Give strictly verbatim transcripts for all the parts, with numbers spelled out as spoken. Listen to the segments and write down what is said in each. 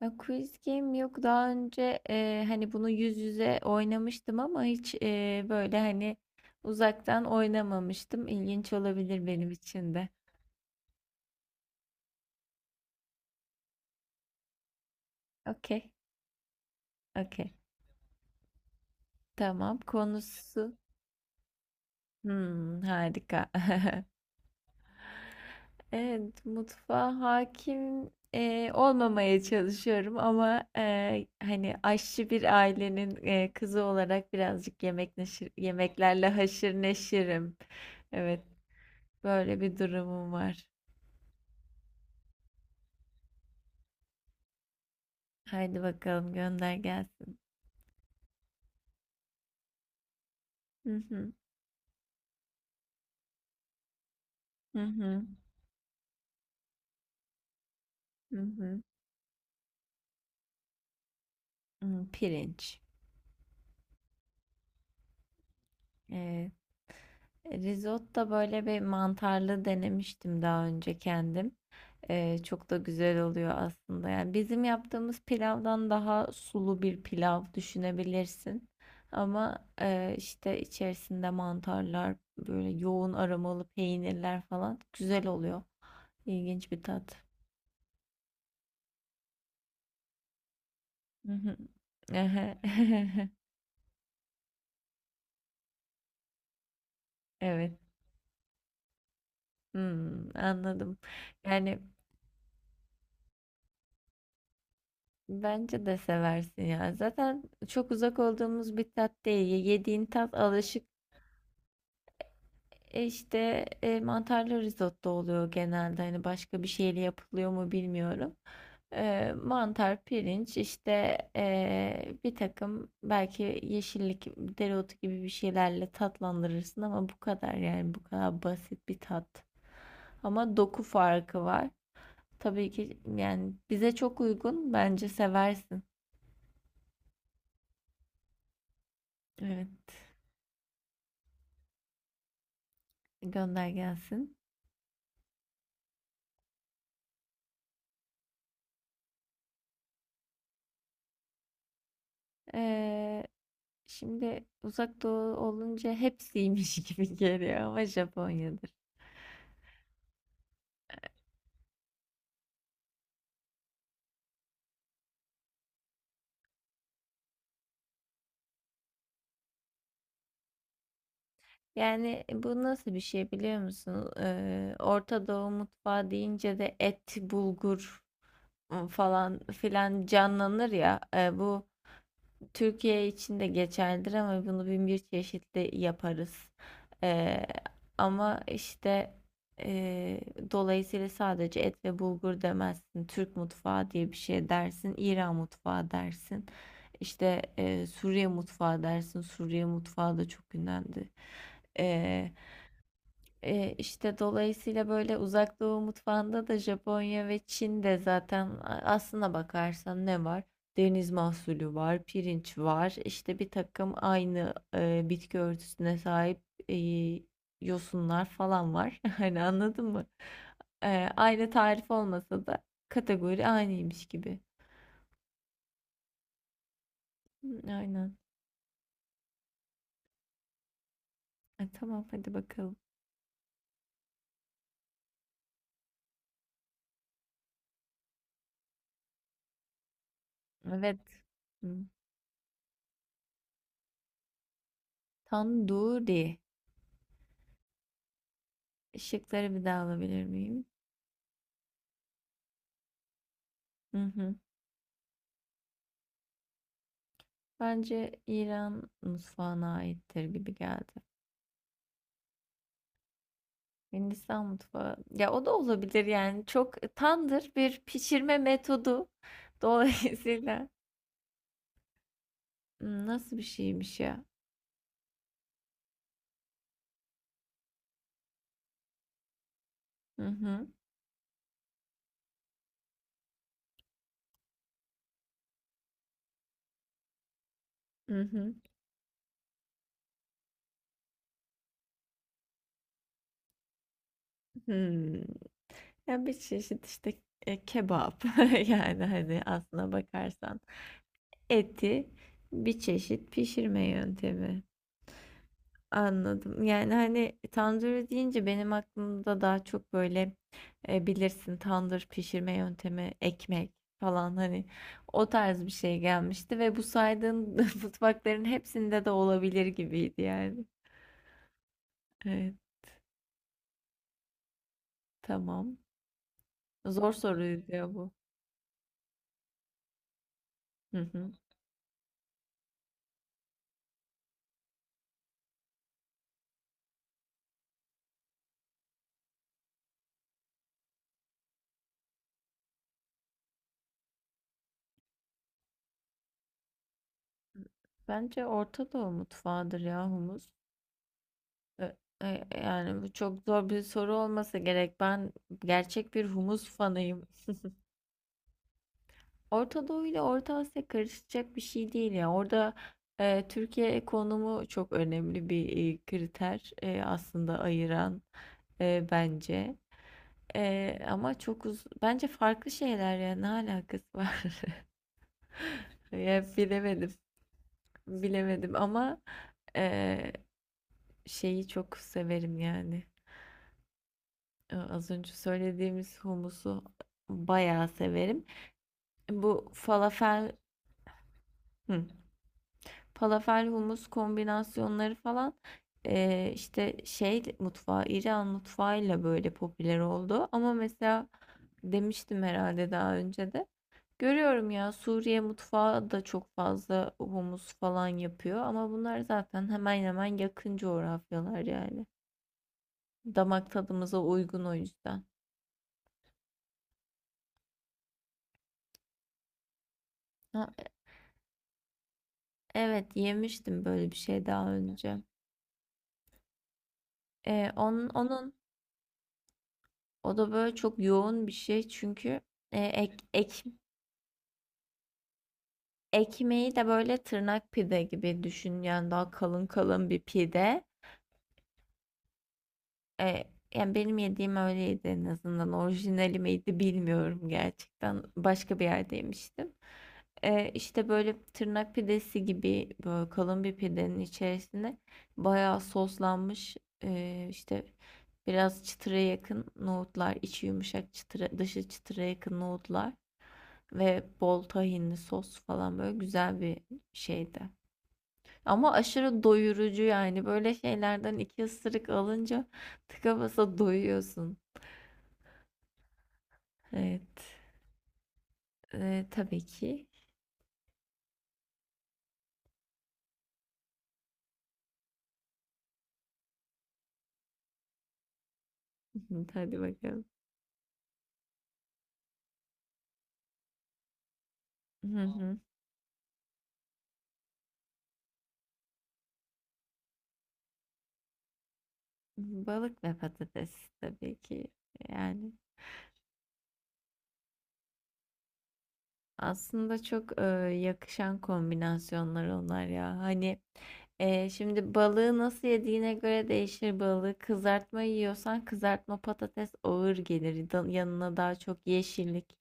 Ya Quiz Game yok daha önce e, hani bunu yüz yüze oynamıştım ama hiç e, böyle hani uzaktan oynamamıştım. İlginç olabilir benim için de. Okey, okey. Tamam. Konusu. Hmm, harika. Evet, mutfağa hakim e, olmamaya çalışıyorum ama e, hani aşçı bir ailenin e, kızı olarak birazcık yemek neşir, yemeklerle haşır neşirim. Evet, böyle bir durumum var. Haydi bakalım gönder gelsin. Hı hı, hı hı, hı hı. Hı, pirinç. Evet. Risotto böyle bir mantarlı denemiştim daha önce kendim. Ee, çok da güzel oluyor aslında. Yani bizim yaptığımız pilavdan daha sulu bir pilav düşünebilirsin. Ama e, işte içerisinde mantarlar, böyle yoğun aromalı peynirler falan güzel oluyor. İlginç bir tat. Hı hı. Ehe. Evet. Hımm, anladım. Yani, bence de seversin ya. Zaten çok uzak olduğumuz bir tat değil. Ye yediğin tat alışık, eee, işte, eee, mantarlı risotto oluyor genelde. Hani, başka bir şeyle yapılıyor mu bilmiyorum. Eee, mantar, pirinç, işte, e, bir takım belki yeşillik, dereotu gibi bir şeylerle tatlandırırsın ama bu kadar, yani, bu kadar basit bir tat. Ama doku farkı var. Tabii ki yani bize çok uygun. Bence seversin. Evet. Gönder gelsin. Ee, Şimdi Uzak Doğu olunca hepsiymiş gibi geliyor ama Japonya'dır. Yani bu nasıl bir şey biliyor musun? Ee, Orta Doğu mutfağı deyince de et, bulgur ıı, falan filan canlanır ya. Ee, bu Türkiye için de geçerlidir ama bunu bin bir çeşitli yaparız. Ee, ama işte e, Dolayısıyla sadece et ve bulgur demezsin. Türk mutfağı diye bir şey dersin. İran mutfağı dersin. İşte e, Suriye mutfağı dersin. Suriye mutfağı da çok ünlendi. Ee, ee, işte dolayısıyla böyle Uzak Doğu mutfağında da Japonya ve Çin'de zaten a- aslına bakarsan ne var? Deniz mahsulü var, pirinç var, işte bir takım aynı e, bitki örtüsüne sahip e, yosunlar falan var. Hani anladın mı? Ee, aynı tarif olmasa da kategori aynıymış gibi. Hı, aynen. E, tamam hadi bakalım. Evet. Hı. Tanduri. Işıkları bir daha alabilir miyim? Hı hı. Bence İran mutfağına aittir gibi geldi. Hindistan mutfağı. Ya o da olabilir yani. Çok tandır bir pişirme metodu. Dolayısıyla hmm, nasıl bir şeymiş ya? Hı hı. Hı hı. Hmm. Ya bir çeşit işte e, kebap. Yani hani aslına bakarsan eti bir çeşit pişirme yöntemi. Anladım. Yani, hani, tandır deyince benim aklımda daha çok, böyle, eee, bilirsin tandır pişirme yöntemi, ekmek falan, hani, o tarz bir şey gelmişti ve bu saydığın mutfakların hepsinde de olabilir gibiydi yani. Evet, tamam. Zor soruydu ya bu. Hı hı. Bence Orta Doğu mutfağıdır ya humus. E e Yani, bu çok zor bir soru olmasa gerek. Ben gerçek bir humus fanıyım. Orta Doğu ile Orta Asya karışacak bir şey değil ya. Orada e, Türkiye konumu çok önemli bir e, kriter e, aslında ayıran e, bence. E, ama çok uz bence farklı şeyler ya ne alakası var? Ya bilemedim. Bilemedim ama e, şeyi çok severim yani. E, az önce söylediğimiz humusu bayağı severim. Bu falafel. Hı. Falafel humus kombinasyonları falan eee, işte şey mutfağı İran mutfağıyla böyle popüler oldu. Ama mesela demiştim herhalde daha önce de. Görüyorum ya Suriye mutfağı da çok fazla humus falan yapıyor ama bunlar zaten hemen hemen yakın coğrafyalar yani. Damak tadımıza uygun o yüzden. Ha, evet yemiştim böyle bir şey daha önce. Ee, onun, onun o da böyle çok yoğun bir şey çünkü e, ek, ek ekmeği de böyle tırnak pide gibi düşün yani daha kalın kalın bir pide. E, Yani benim yediğim öyleydi en azından, orijinali miydi bilmiyorum, gerçekten başka bir yerde yemiştim. E, işte böyle tırnak pidesi gibi böyle kalın bir pidenin içerisine bayağı soslanmış e, işte biraz çıtıra yakın nohutlar, içi yumuşak çıtıra dışı çıtıra yakın nohutlar ve bol tahinli sos falan, böyle güzel bir şeydi. Ama aşırı doyurucu yani böyle şeylerden iki ısırık alınca tıka basa doyuyorsun. Evet. Ee, tabii ki. Hadi bakalım. Hı hı. Balık ve patates tabii ki. Yani aslında çok e, yakışan kombinasyonlar onlar ya. Hani e, şimdi balığı nasıl yediğine göre değişir balığı. Kızartma yiyorsan kızartma patates ağır gelir. Da- Yanına daha çok yeşillik,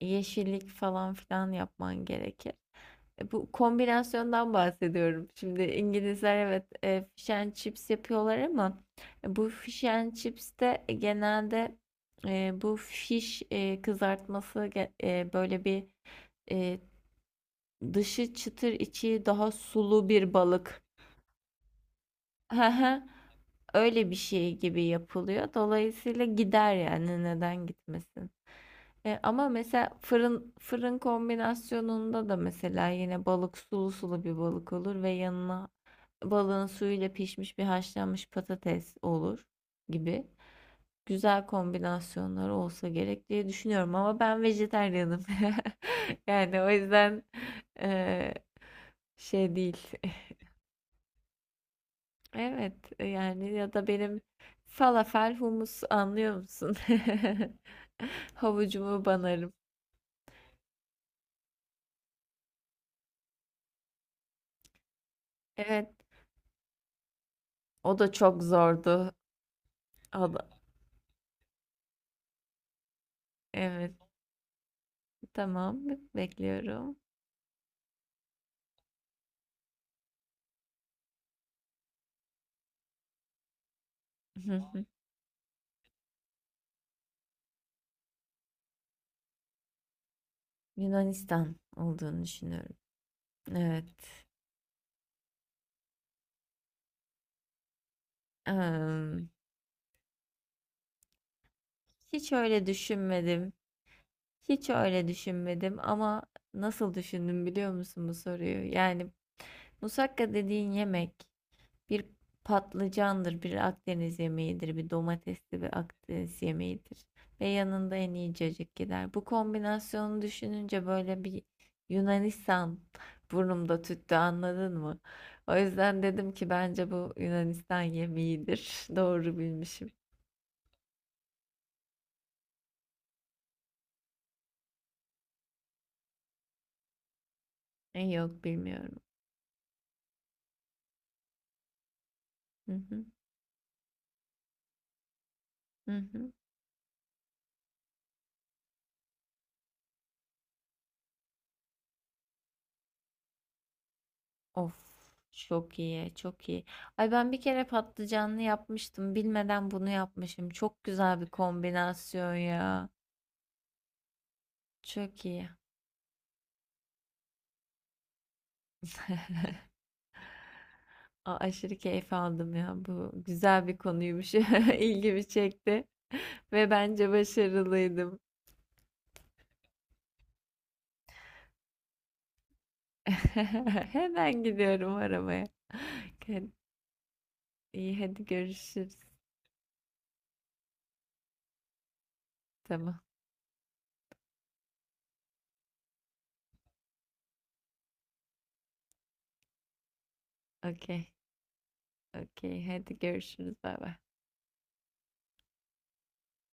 yeşillik falan filan yapman gerekir. E, bu kombinasyondan bahsediyorum. Şimdi İngilizler evet e, fish and chips yapıyorlar ama e, bu fish and chips de genelde e, bu fish e, kızartması ge- e, böyle bir e, dışı çıtır içi daha sulu bir balık. Hı hı. Öyle bir şey gibi yapılıyor. Dolayısıyla gider yani neden gitmesin? E, ama mesela fırın fırın kombinasyonunda da mesela yine balık sulu sulu bir balık olur ve yanına balığın suyuyla pişmiş bir haşlanmış patates olur gibi. Güzel kombinasyonlar olsa gerek diye düşünüyorum ama ben vejetaryenim. Yani o yüzden e, şey değil. Evet e, yani ya da benim falafel humus, anlıyor musun? Havucumu banarım. Evet. O da çok zordu. O da- evet, tamam. Bekliyorum. Yunanistan olduğunu düşünüyorum. Evet. Em, hiç öyle düşünmedim. Hiç öyle düşünmedim ama nasıl düşündüm biliyor musun bu soruyu? Yani musakka dediğin yemek bir patlıcandır, bir Akdeniz yemeğidir, bir domatesli bir Akdeniz yemeğidir. Ve yanında en iyi cacık gider. Bu kombinasyonu düşününce böyle bir Yunanistan burnumda tüttü, anladın mı? O yüzden dedim ki bence bu Yunanistan yemeğidir. Doğru bilmişim. E, yok bilmiyorum. Hı hı, hı hı. Of. Çok iyi, çok iyi. Ay ben bir kere patlıcanlı yapmıştım. Bilmeden bunu yapmışım. Çok güzel bir kombinasyon ya. Çok iyi. A- aşırı keyif aldım ya. Bu güzel bir konuymuş. İlgimi çekti. Ve bence başarılıydım. Hemen gidiyorum aramaya. Hadi- İyi, hadi görüşürüz. Tamam. Okey. Okey. Hadi görüşürüz. Bay bay.